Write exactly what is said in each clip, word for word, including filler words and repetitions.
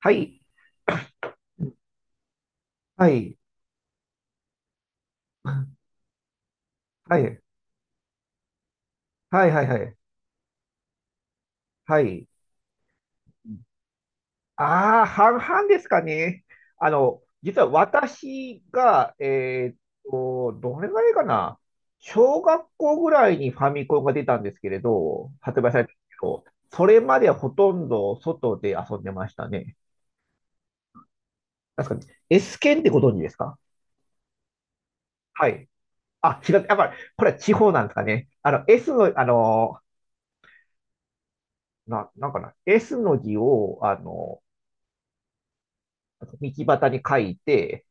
はい。はい。はい。はいはいはい。はい。ああ、半々ですかね。あの、実は私が、えーっと、どれぐらいかな。小学校ぐらいにファミコンが出たんですけれど、発売されたんですけど、それまではほとんど外で遊んでましたね。確かに。S 剣ってご存知ですか？はい。あ、違う。やっぱり、これは地方なんですかね。あの、S の、あの、な、なんかな。S の字を、あの、道端に書いて、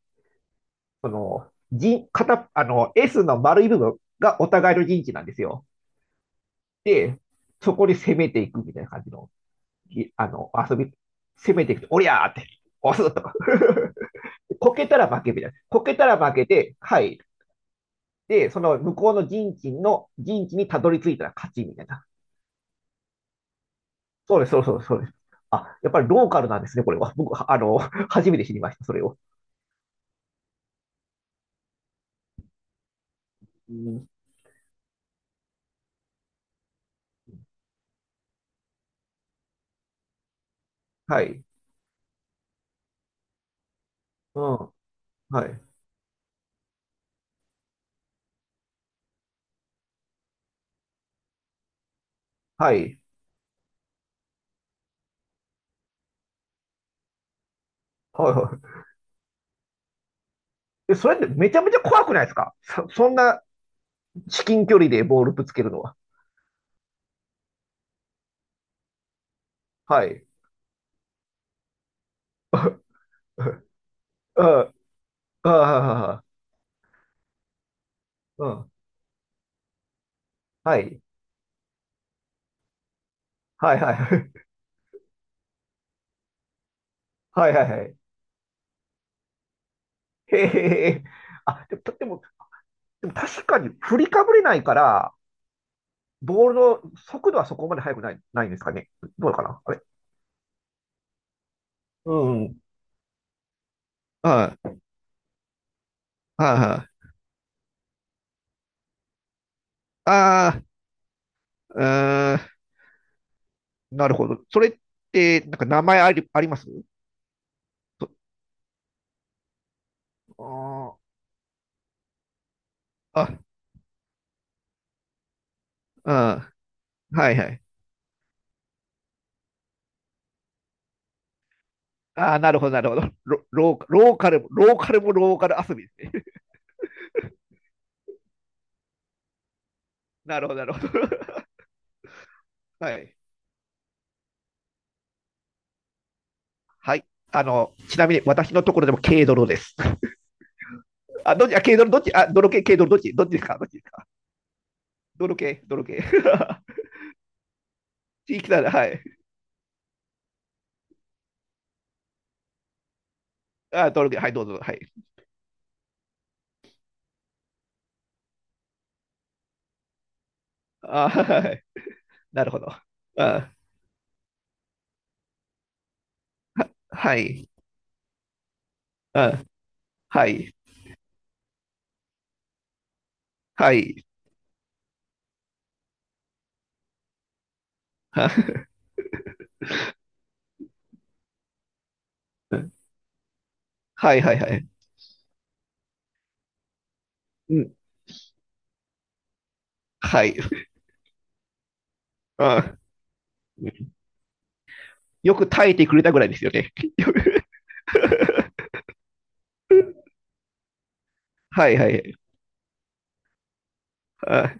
その、人、片、あの、S の丸い部分がお互いの陣地なんですよ。で、そこに攻めていくみたいな感じの、あの、遊び、攻めていくと、おりゃーって、押すとか。こけたら負けみたいな。こけたら負けて、はい。で、その向こうの陣地の、陣地にたどり着いたら勝ちみたいな。そうです、そうです、そうです。あ、やっぱりローカルなんですね、これは。僕、あの、初めて知りました、それを。うん。はい。うん。はい。はい。はい、はい。えそれってめちゃめちゃ怖くないですか？そ、そんな至近距離でボールぶつけるのは。はい。うん。ああ、うん。はい。はいはい。 はい。はいはいはい。へえへえ。へえ。あ、でも、でも、でも確かに振りかぶれないから、ボールの速度はそこまで速くない、ないんですかね。どうかなあれ。うん。はい。はいはい。ああ、うーん。なるほど。それって、なんか名前あり、ありますと？あー、あ、うん。はいはい。ああ、なるほど、なるほど。ロローローカルも、ローカルもローカル遊びですね。なるほど、なるほど。はい。はい。あの、ちなみに私のところでも軽泥です。あ、どっち、あ、軽泥、どっち、あ、泥系、軽泥、どっち、どっちですか、どっちですか。泥系、泥系。地域なら、はい。あ、泥系、はい、どうぞ、はい。あ、はい。なるほど。あ、はい。あ、はい。はい。あ、はい、はい、はい。うん。はい。あ、よく耐えてくれたぐらいですよね。はい、はい。あ、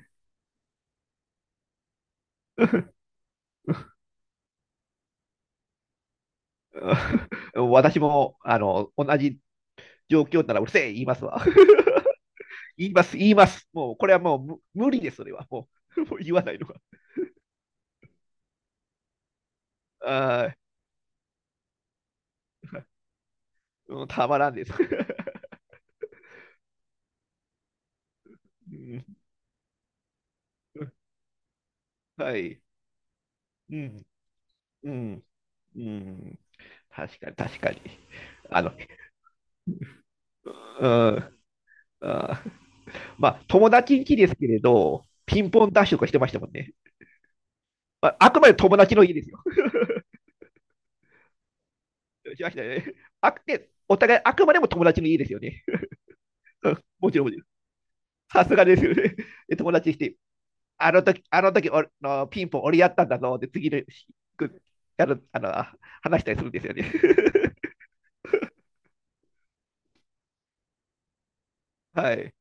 うん、私も、あの、同じ状況ならうるせえ言いますわ。言います、言います。もう、これはもう無無理です、それは。もう、もう言わないのが。あー、うん、たまらんです。うん。はい。うん、うん、うん。確かに、確かに。あの、うん、あー、まあ、友達ん家ですけれど、ピンポンダッシュとかしてましたもんね。まあ、あくまで友達の家ですよ。しましたよね。あくて、お互いあくまでも友達の家ですよね。うん、もちろん、もちろん。さすがですよね。で、友達にして、あの時、あの時俺のピンポン俺やったんだぞって次の日くやるあのあ話したりするんですよね。はい。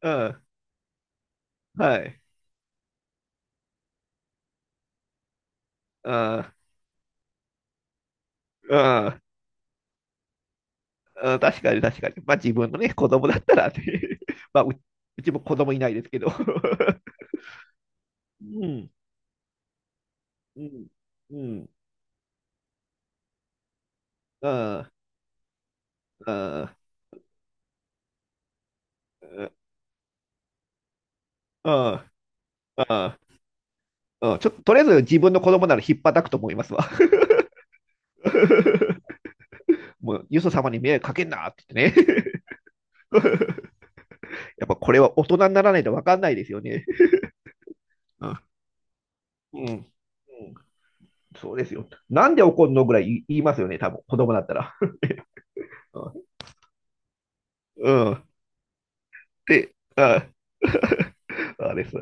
うん。はい。うん。うん。うん、確かに確かに。まあ自分のね、子供だったらね、まあう、うちも子供いないですけど。うん。うん。うん。うん。うん。うん。うん。ちょっと、とりあえず自分の子供なら引っ叩くと思いますわ。もう、よそ様に迷惑かけんなって言ってね。やっぱこれは大人にならないと分かんないですよね。あ、うん。うん、そうですよ。なんで怒んのぐらい言いますよね、多分子供だったら。うん。で、あ、あです。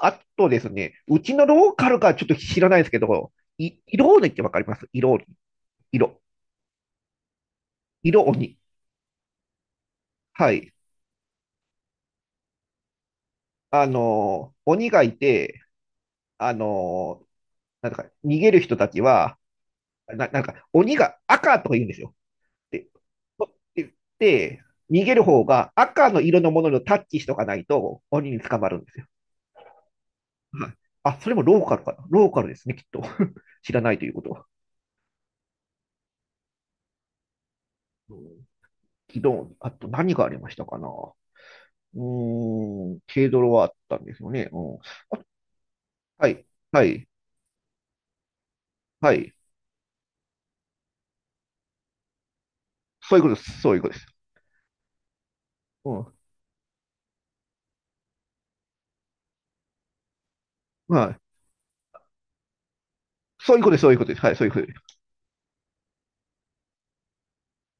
あとですね、うちのローカルかちょっと知らないですけど、い色鬼って分かります？色鬼。色。色鬼。はい。あの鬼がいて、あの、なんか、逃げる人たちは、な、なんか、鬼が赤とか言うんですよ。で、取ってって、逃げる方が赤の色のものにタッチしとかないと鬼に捕まるんですよ。はい。あ、それもローカルかな。ローカルですね、きっと。知らないということは。うん。昨日、あと何がありましたかな。うーん、軽泥はあったんですよね。うん。あ、はい、はい、はい。そういうことです。そういうことです。うん。はい。そういうことです。そういうことです。はい、そういうことです。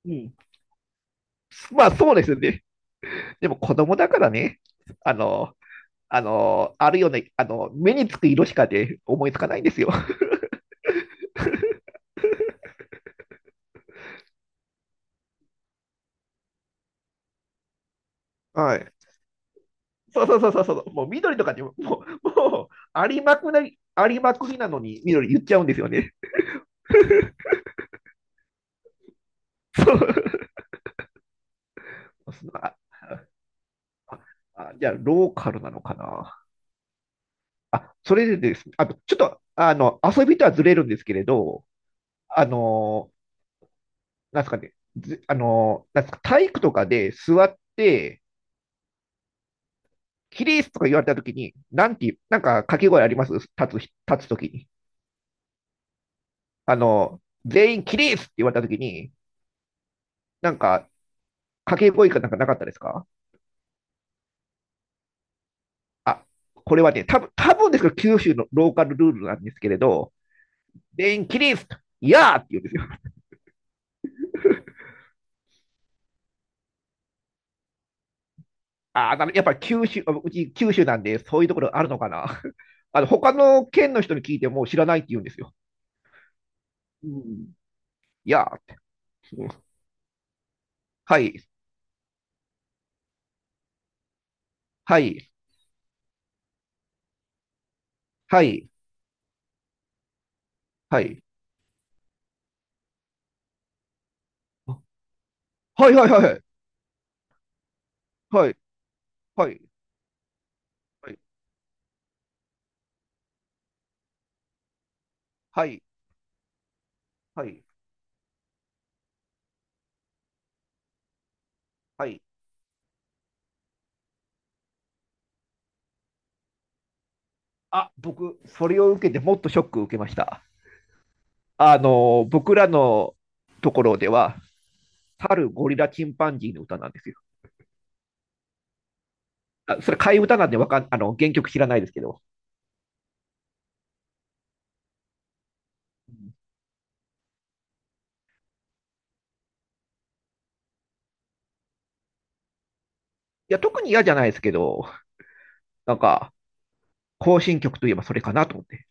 うん。まあ、そうですよね。でも子供だからね、あの、あの、あるよね、あの、目につく色しかで思いつかないんですよ。はい。そうそうそうそうそう、もう緑とかにも、もう、もうありまくり、ありまくりなのに緑言っちゃうんですよね。そう。ああ、じゃあ、ローカルなのかな。あ、それでですね、あと、ちょっと、あの、遊びとはずれるんですけれど、あの、なんですかね、ずあの、なんですか、体育とかで座って、キリースとか言われたときに、なんていう、なんか掛け声あります？立つ、立つときに。あの、全員起立って言われたときに、なんか、掛け声かなんかなかったですか？あ、これはね、多分多分ですけど、九州のローカルルールなんですけれど、全員起立いやーって言うんですよ。ああ、やっぱり九州、あ、うち九州なんで、そういうところあるのかな。あの、他の県の人に聞いても知らないって言うんですよ。うん。いやーって。うん。はい、はい、はい、はい。あ、はい、はい、はい、はい、はい、はい、はい、はい。はい。あ、僕、それを受けてもっとショックを受けました。あの、僕らのところでは、猿、ゴリラ、チンパンジーの歌なんですよ。あ、それ替え歌なんでわかん、あの、原曲知らないですけど。いや、特に嫌じゃないですけど、なんか、行進曲といえばそれかなと思って。